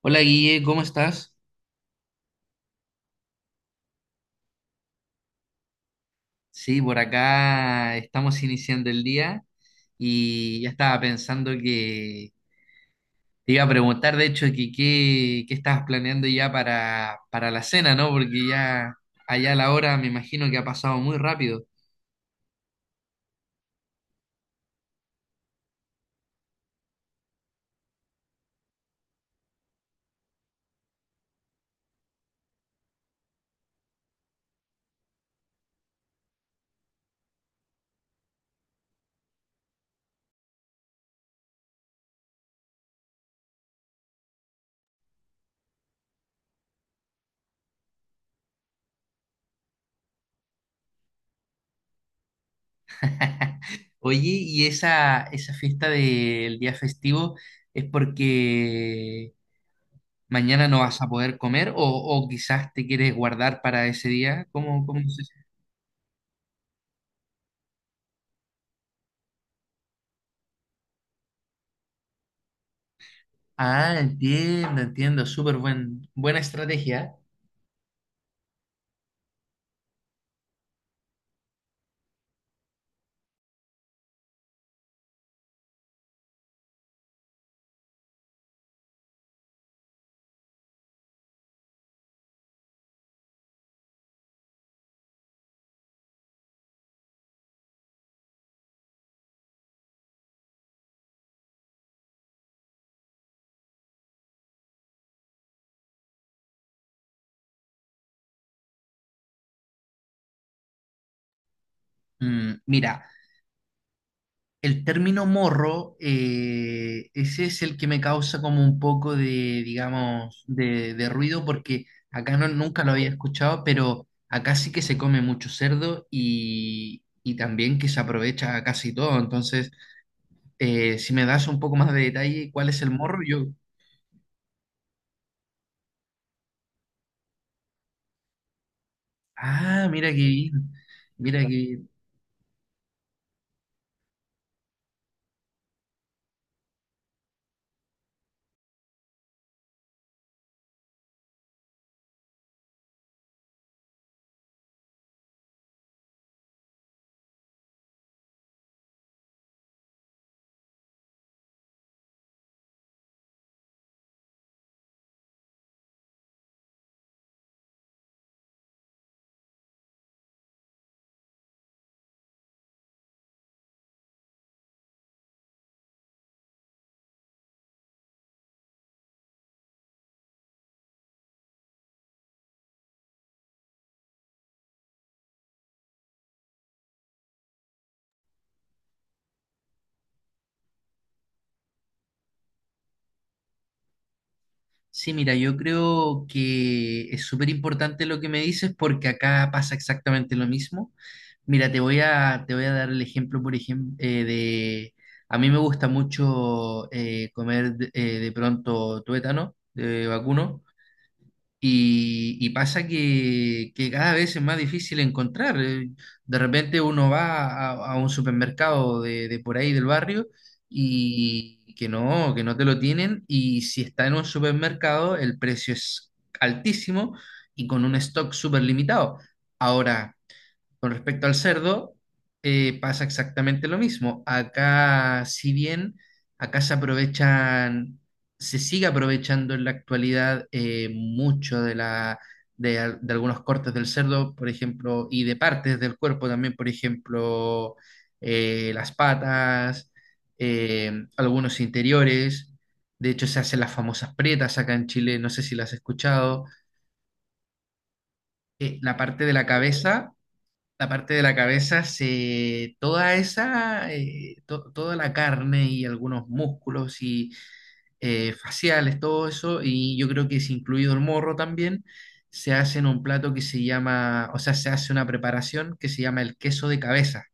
Hola Guille, ¿cómo estás? Sí, por acá estamos iniciando el día y ya estaba pensando que te iba a preguntar, de hecho, qué estabas planeando ya para la cena, ¿no? Porque ya allá la hora me imagino que ha pasado muy rápido. Oye, ¿y esa fiesta del día festivo es porque mañana no vas a poder comer o quizás te quieres guardar para ese día? ¿Cómo es eso? Ah, entiendo, entiendo, súper buena estrategia. Mm, mira, el término morro, ese es el que me causa como un poco de, digamos, de ruido, porque acá no, nunca lo había escuchado, pero acá sí que se come mucho cerdo y también que se aprovecha casi todo. Entonces, si me das un poco más de detalle, ¿cuál es el morro? Yo, ah, mira que bien, mira que sí, mira, yo creo que es súper importante lo que me dices porque acá pasa exactamente lo mismo. Mira, te voy a dar el ejemplo, por ejemplo, de... A mí me gusta mucho comer de pronto tuétano, de vacuno. Y pasa que cada vez es más difícil encontrar. De repente uno a un supermercado de por ahí del barrio y que no te lo tienen. Y si está en un supermercado, el precio es altísimo y con un stock súper limitado. Ahora, con respecto al cerdo, pasa exactamente lo mismo. Acá, si bien acá se aprovechan, se sigue aprovechando en la actualidad mucho de la, de, de algunos cortes del cerdo, por ejemplo, y de partes del cuerpo también, por ejemplo, las patas, algunos interiores. De hecho, se hacen las famosas pretas acá en Chile, no sé si las has escuchado. Eh, la parte de la cabeza la parte de la cabeza, se, toda esa, toda la carne y algunos músculos y faciales, todo eso, y yo creo que es incluido el morro también, se hace en un plato que se llama, o sea, se hace una preparación que se llama el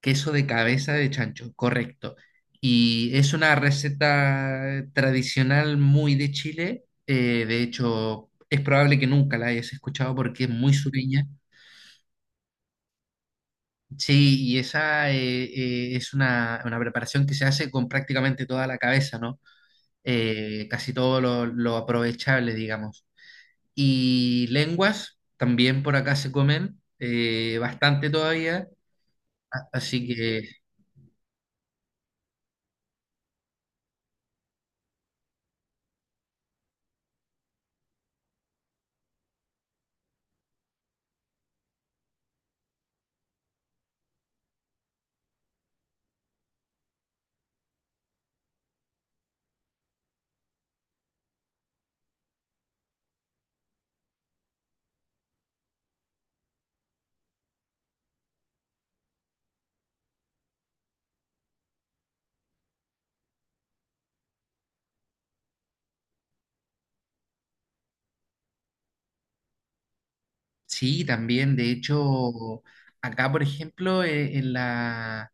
queso de cabeza de chancho, correcto. Y es una receta tradicional muy de Chile, de hecho, es probable que nunca la hayas escuchado porque es muy sureña. Sí, y esa es una preparación que se hace con prácticamente toda la cabeza, ¿no? Casi todo lo aprovechable, digamos. Y lenguas también por acá se comen bastante todavía, así que sí, también, de hecho, acá, por ejemplo, en la,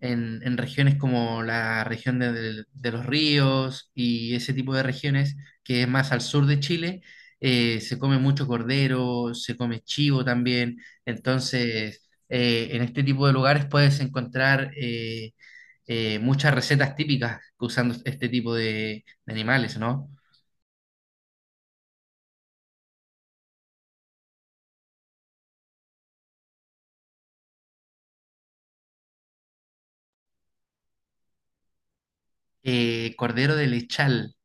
en regiones como la región de, de los ríos y ese tipo de regiones, que es más al sur de Chile, se come mucho cordero, se come chivo también. Entonces, en este tipo de lugares puedes encontrar muchas recetas típicas usando este tipo de animales, ¿no? Cordero de lechal.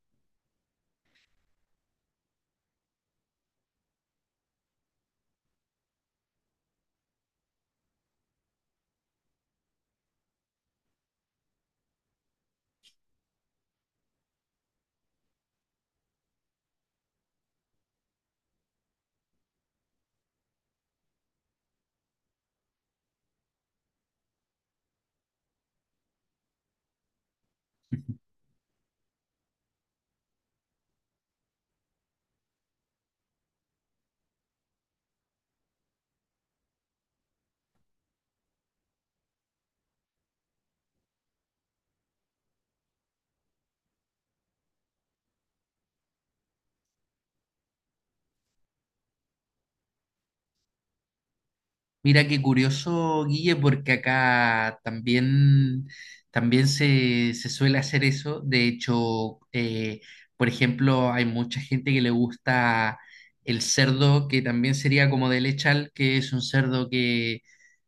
Mira qué curioso, Guille, porque acá también, también se suele hacer eso. De hecho, por ejemplo, hay mucha gente que le gusta el cerdo, que también sería como de lechal, que es un cerdo que,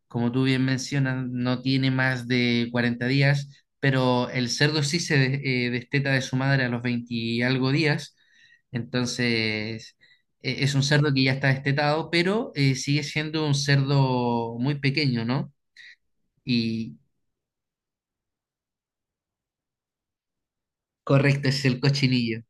como tú bien mencionas, no tiene más de 40 días, pero el cerdo sí se desteta de su madre a los 20 y algo días, entonces es un cerdo que ya está destetado, pero sigue siendo un cerdo muy pequeño, ¿no? Y correcto, es el cochinillo.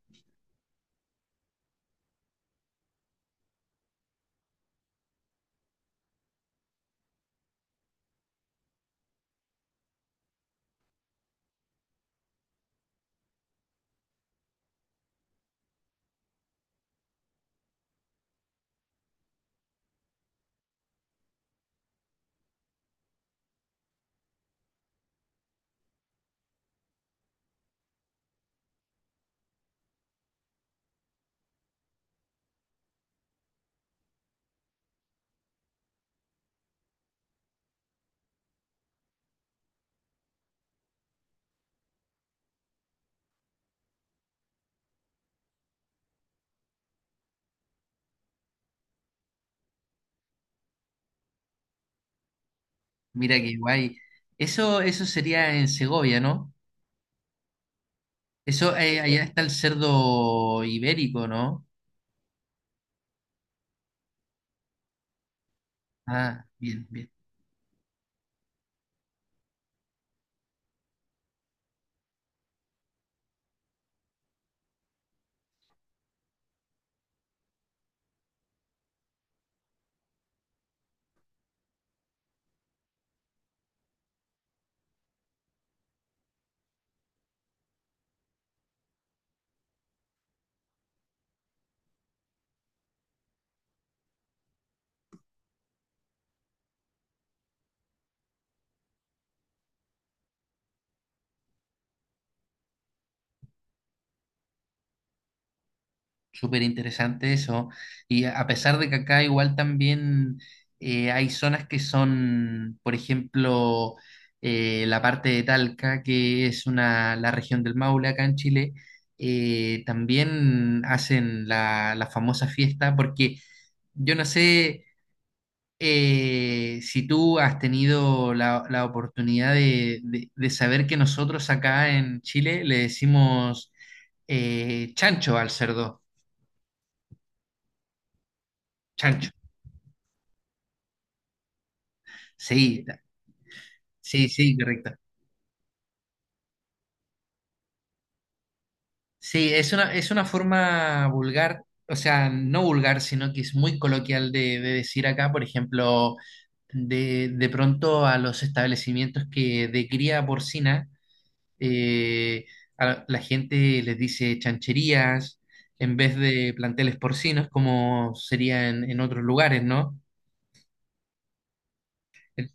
Mira qué guay. Eso, ¿eso sería en Segovia, no? Eso, allá está el cerdo ibérico, ¿no? Ah, bien, bien. Súper interesante eso. Y a pesar de que acá igual también hay zonas que son, por ejemplo, la parte de Talca, que es una, la región del Maule acá en Chile, también hacen la, la famosa fiesta, porque yo no sé si tú has tenido la, la oportunidad de, de saber que nosotros acá en Chile le decimos chancho al cerdo, chancho. Sí, sí, sí, correcto. Sí, es una forma vulgar, o sea, no vulgar, sino que es muy coloquial de decir acá, por ejemplo, de pronto a los establecimientos que de cría porcina, eh, a la gente les dice chancherías en vez de planteles porcinos, como sería en otros lugares, ¿no? El-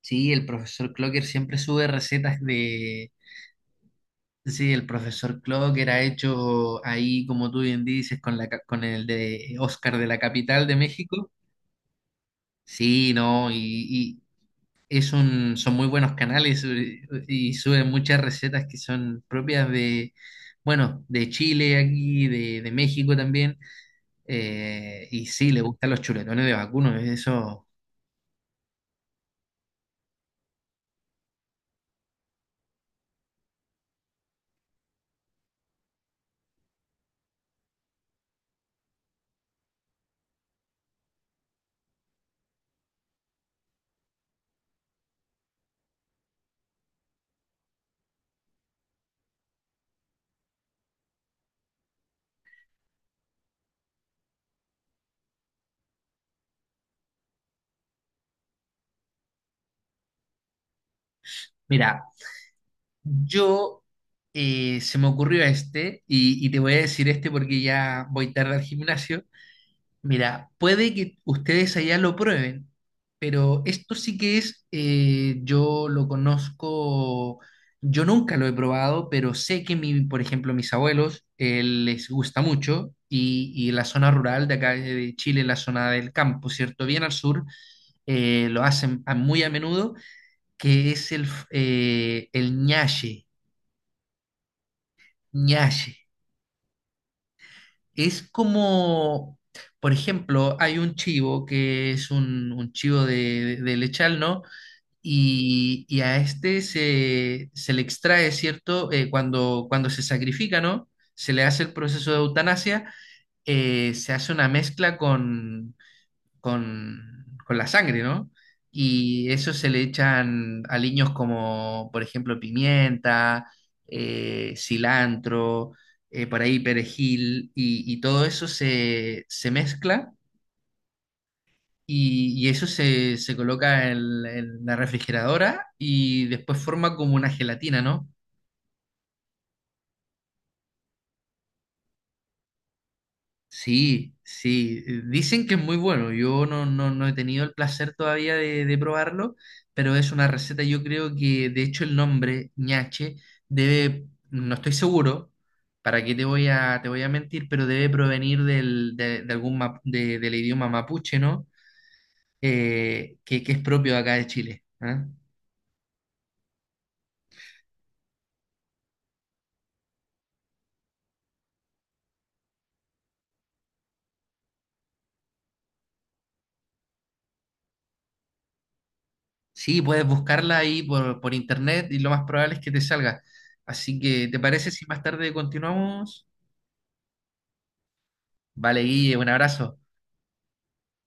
sí, el profesor Clocker siempre sube recetas de sí, el profesor Clock era hecho ahí, como tú bien dices, con la, con el de Oscar de la capital de México. Sí, no, y es un, son muy buenos canales y suben muchas recetas que son propias de, bueno, de Chile aquí, de México también. Y sí, le gustan los chuletones de vacuno, eso. Mira, yo se me ocurrió este y te voy a decir este porque ya voy tarde al gimnasio. Mira, puede que ustedes allá lo prueben, pero esto sí que es, yo lo conozco, yo nunca lo he probado, pero sé que mi, por ejemplo, mis abuelos les gusta mucho y la zona rural de acá de Chile, la zona del campo, ¿cierto? Bien al sur, lo hacen muy a menudo, que es el, el ñache, ñache. Es como, por ejemplo, hay un chivo que es un chivo de lechal, ¿no? Y a este se, se le extrae, ¿cierto? Cuando, cuando se sacrifica, ¿no? Se le hace el proceso de eutanasia, se hace una mezcla con la sangre, ¿no? Y eso se le echan aliños como, por ejemplo, pimienta, cilantro, por ahí perejil, y todo eso se, se mezcla y eso se, se coloca en la refrigeradora y después forma como una gelatina, ¿no? Sí, sí, dicen que es muy bueno. Yo no, no, no he tenido el placer todavía de probarlo, pero es una receta, yo creo que de hecho el nombre ñache debe, no estoy seguro, para qué te voy a mentir, pero debe provenir del, de algún del idioma mapuche, ¿no? Que es propio de acá de Chile. ¿Ah? Sí, puedes buscarla ahí por internet y lo más probable es que te salga. Así que, ¿te parece si más tarde continuamos? Vale, Guille, un abrazo.